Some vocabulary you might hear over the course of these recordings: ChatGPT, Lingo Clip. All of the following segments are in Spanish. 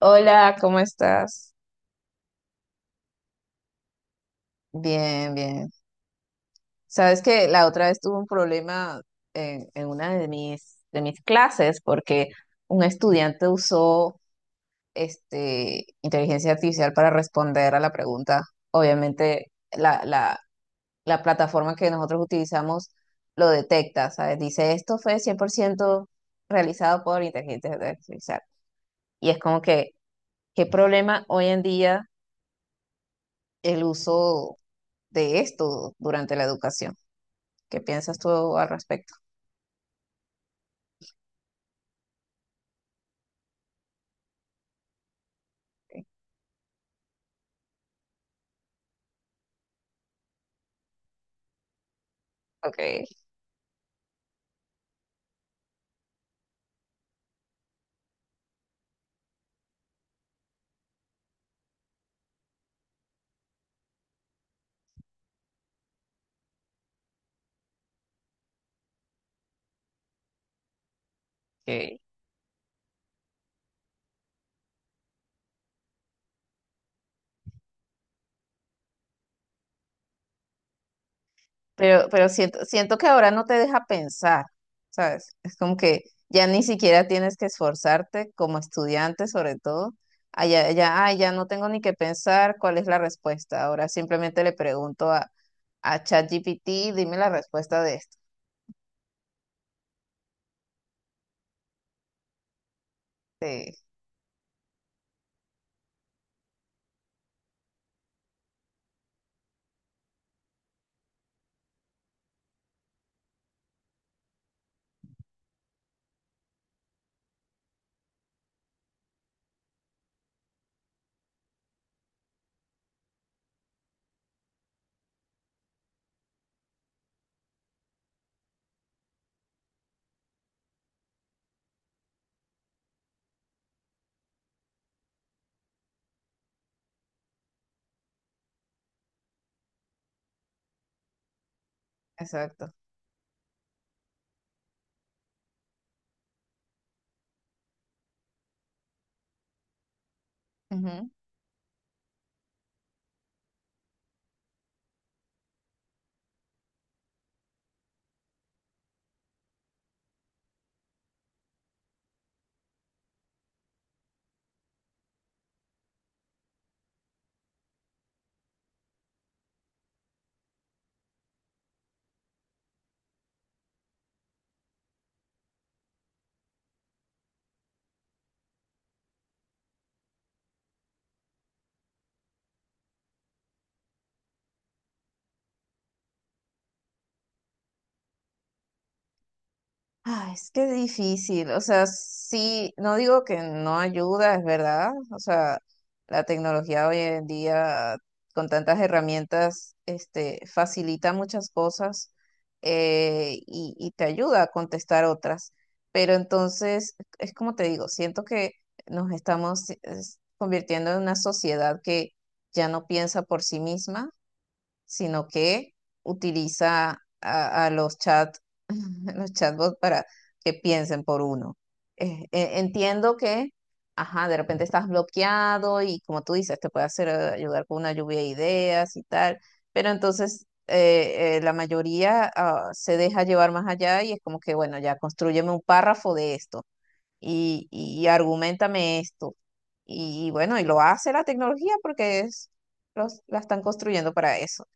Hola, ¿cómo estás? Bien, bien. Sabes que la otra vez tuve un problema en una de mis clases porque un estudiante usó este, inteligencia artificial para responder a la pregunta. Obviamente la plataforma que nosotros utilizamos lo detecta, ¿sabes? Dice, esto fue 100% realizado por inteligencia artificial. Y es como que, ¿qué problema hoy en día el uso de esto durante la educación? ¿Qué piensas tú al respecto? Ok, ok. Pero siento que ahora no te deja pensar, ¿sabes? Es como que ya ni siquiera tienes que esforzarte como estudiante, sobre todo. Ah, ya, ya, ah, ya no tengo ni que pensar cuál es la respuesta. Ahora simplemente le pregunto a ChatGPT, dime la respuesta de esto. Sí, exacto. Ujú. Ay, es que es difícil, o sea, sí, no digo que no ayuda, es verdad, o sea, la tecnología hoy en día con tantas herramientas, este, facilita muchas cosas y te ayuda a contestar otras, pero entonces, es como te digo, siento que nos estamos es, convirtiendo en una sociedad que ya no piensa por sí misma sino que utiliza a los chat, los chatbots para que piensen por uno. Entiendo que, ajá, de repente estás bloqueado y como tú dices, te puede hacer ayudar con una lluvia de ideas y tal, pero entonces la mayoría se deja llevar más allá y es como que, bueno, ya constrúyeme un párrafo de esto y argumentame esto. Y bueno, y lo hace la tecnología porque es, los, la están construyendo para eso.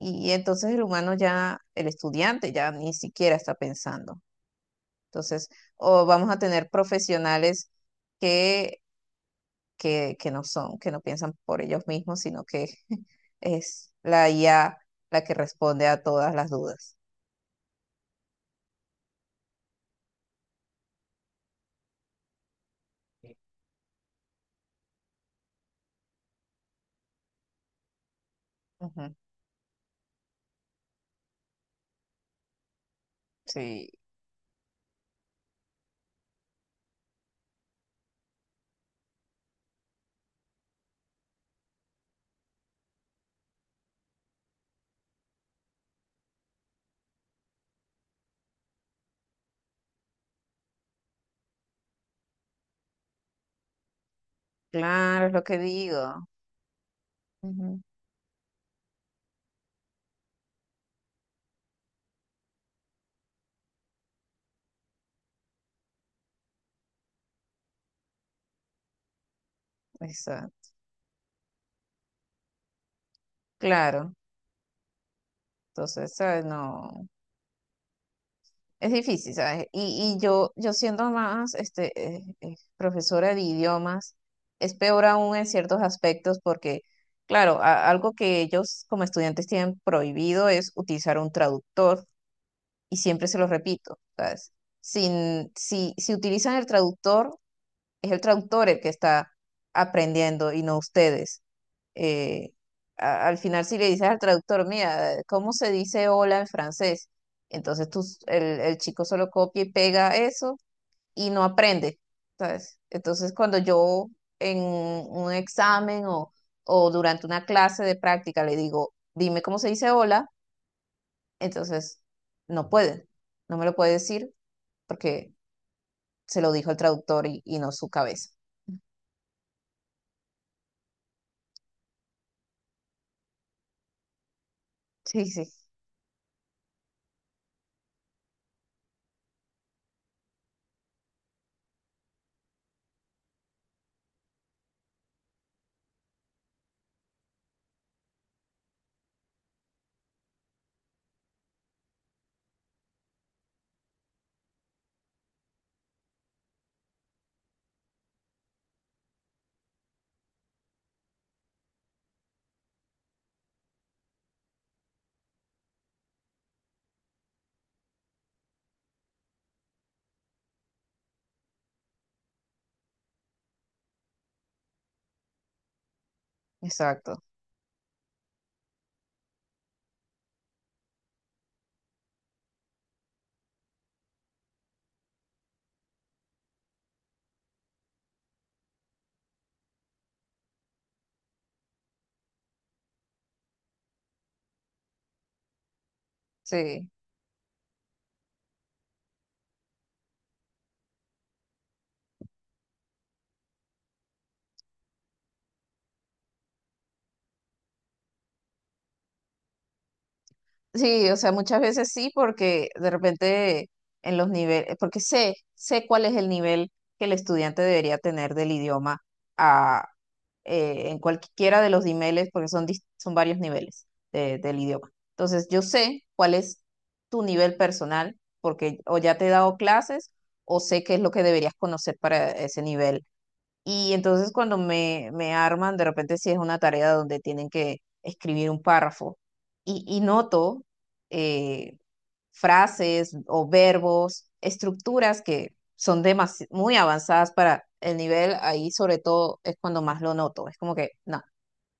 Y entonces el humano ya, el estudiante ya ni siquiera está pensando. Entonces, o vamos a tener profesionales que, que no son, que no piensan por ellos mismos, sino que es la IA la que responde a todas las dudas. Ujú, sí, claro, es lo que digo. Ujú, exacto, claro. Entonces, ¿sabes? No. Es difícil, ¿sabes? Y yo siendo más este, profesora de idiomas, es peor aún en ciertos aspectos porque, claro, algo que ellos como estudiantes tienen prohibido es utilizar un traductor y siempre se lo repito, ¿sabes? Sin, si, si utilizan el traductor, es el traductor el que está aprendiendo y no ustedes eh, al final si le dices al traductor, mira, ¿cómo se dice hola en francés? Entonces el chico solo copia y pega eso y no aprende, ¿sabes? Entonces cuando yo en un examen o durante una clase de práctica le digo, dime cómo se dice hola, entonces no puede, no me lo puede decir porque se lo dijo el traductor y no su cabeza. Sí, sí, exacto. Sí. Sí, o sea, muchas veces sí, porque de repente en los niveles, porque sé cuál es el nivel que el estudiante debería tener del idioma a, en cualquiera de los niveles, porque son, son varios niveles del idioma. Entonces, yo sé cuál es tu nivel personal, porque o ya te he dado clases, o sé qué es lo que deberías conocer para ese nivel y entonces cuando me arman, de repente si es una tarea donde tienen que escribir un párrafo y noto eh, frases o verbos, estructuras que son muy avanzadas para el nivel, ahí sobre todo es cuando más lo noto. Es como que, no,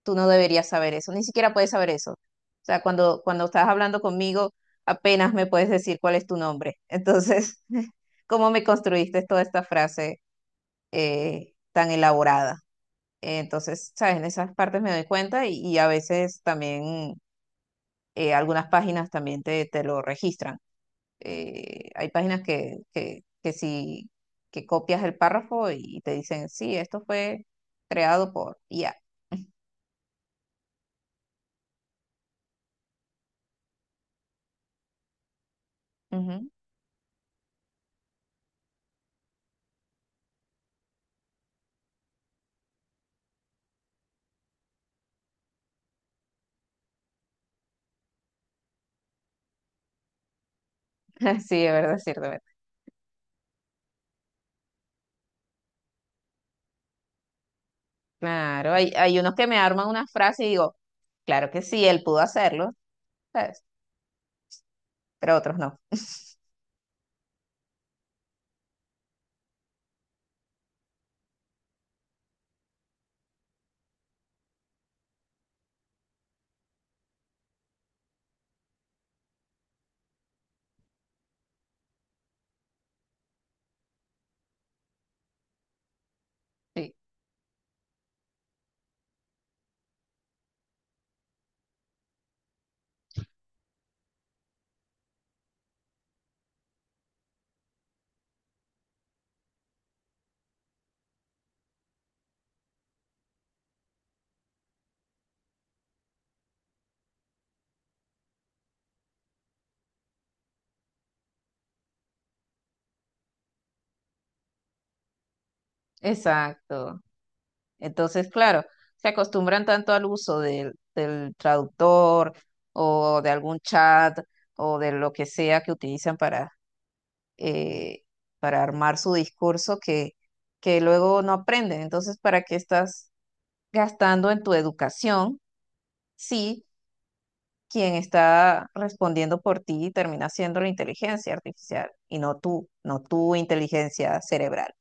tú no deberías saber eso, ni siquiera puedes saber eso. O sea, cuando estás hablando conmigo, apenas me puedes decir cuál es tu nombre. Entonces, ¿cómo me construiste toda esta frase tan elaborada? Entonces, ¿sabes? En esas partes me doy cuenta y a veces también algunas páginas también te lo registran. Hay páginas que si que copias el párrafo y te dicen, sí, esto fue creado por IA. Ujú. Sí, es verdad, es cierto. Es verdad. Claro, hay unos que me arman una frase y digo, claro que sí, él pudo hacerlo, ¿sabes? Pero otros no. Sí, exacto. Entonces, claro, se acostumbran tanto al uso del traductor o de algún chat o de lo que sea que utilizan eh, para armar su discurso que luego no aprenden. Entonces, ¿para qué estás gastando en tu educación si quien está respondiendo por ti termina siendo la inteligencia artificial y no tú, no tu inteligencia cerebral?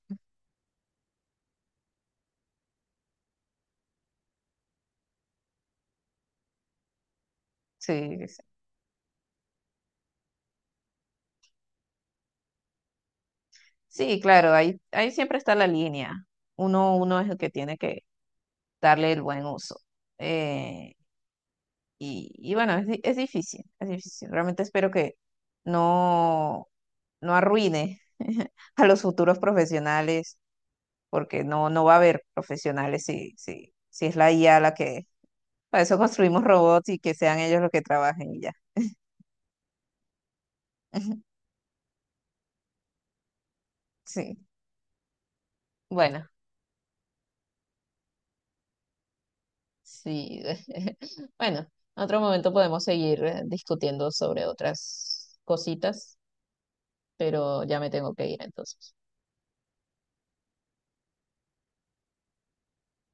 Sí, sí, sí, sí, claro, ahí siempre está la línea. Uno es el que tiene que darle el buen uso. Eh, y bueno, es difícil, es difícil. Realmente espero que no, no arruine a los futuros profesionales, porque no, no va a haber profesionales si es la IA la que... Para eso construimos robots y que sean ellos los que trabajen y ya. Sí, bueno, sí. Bueno, en otro momento podemos seguir discutiendo sobre otras cositas, pero ya me tengo que ir entonces.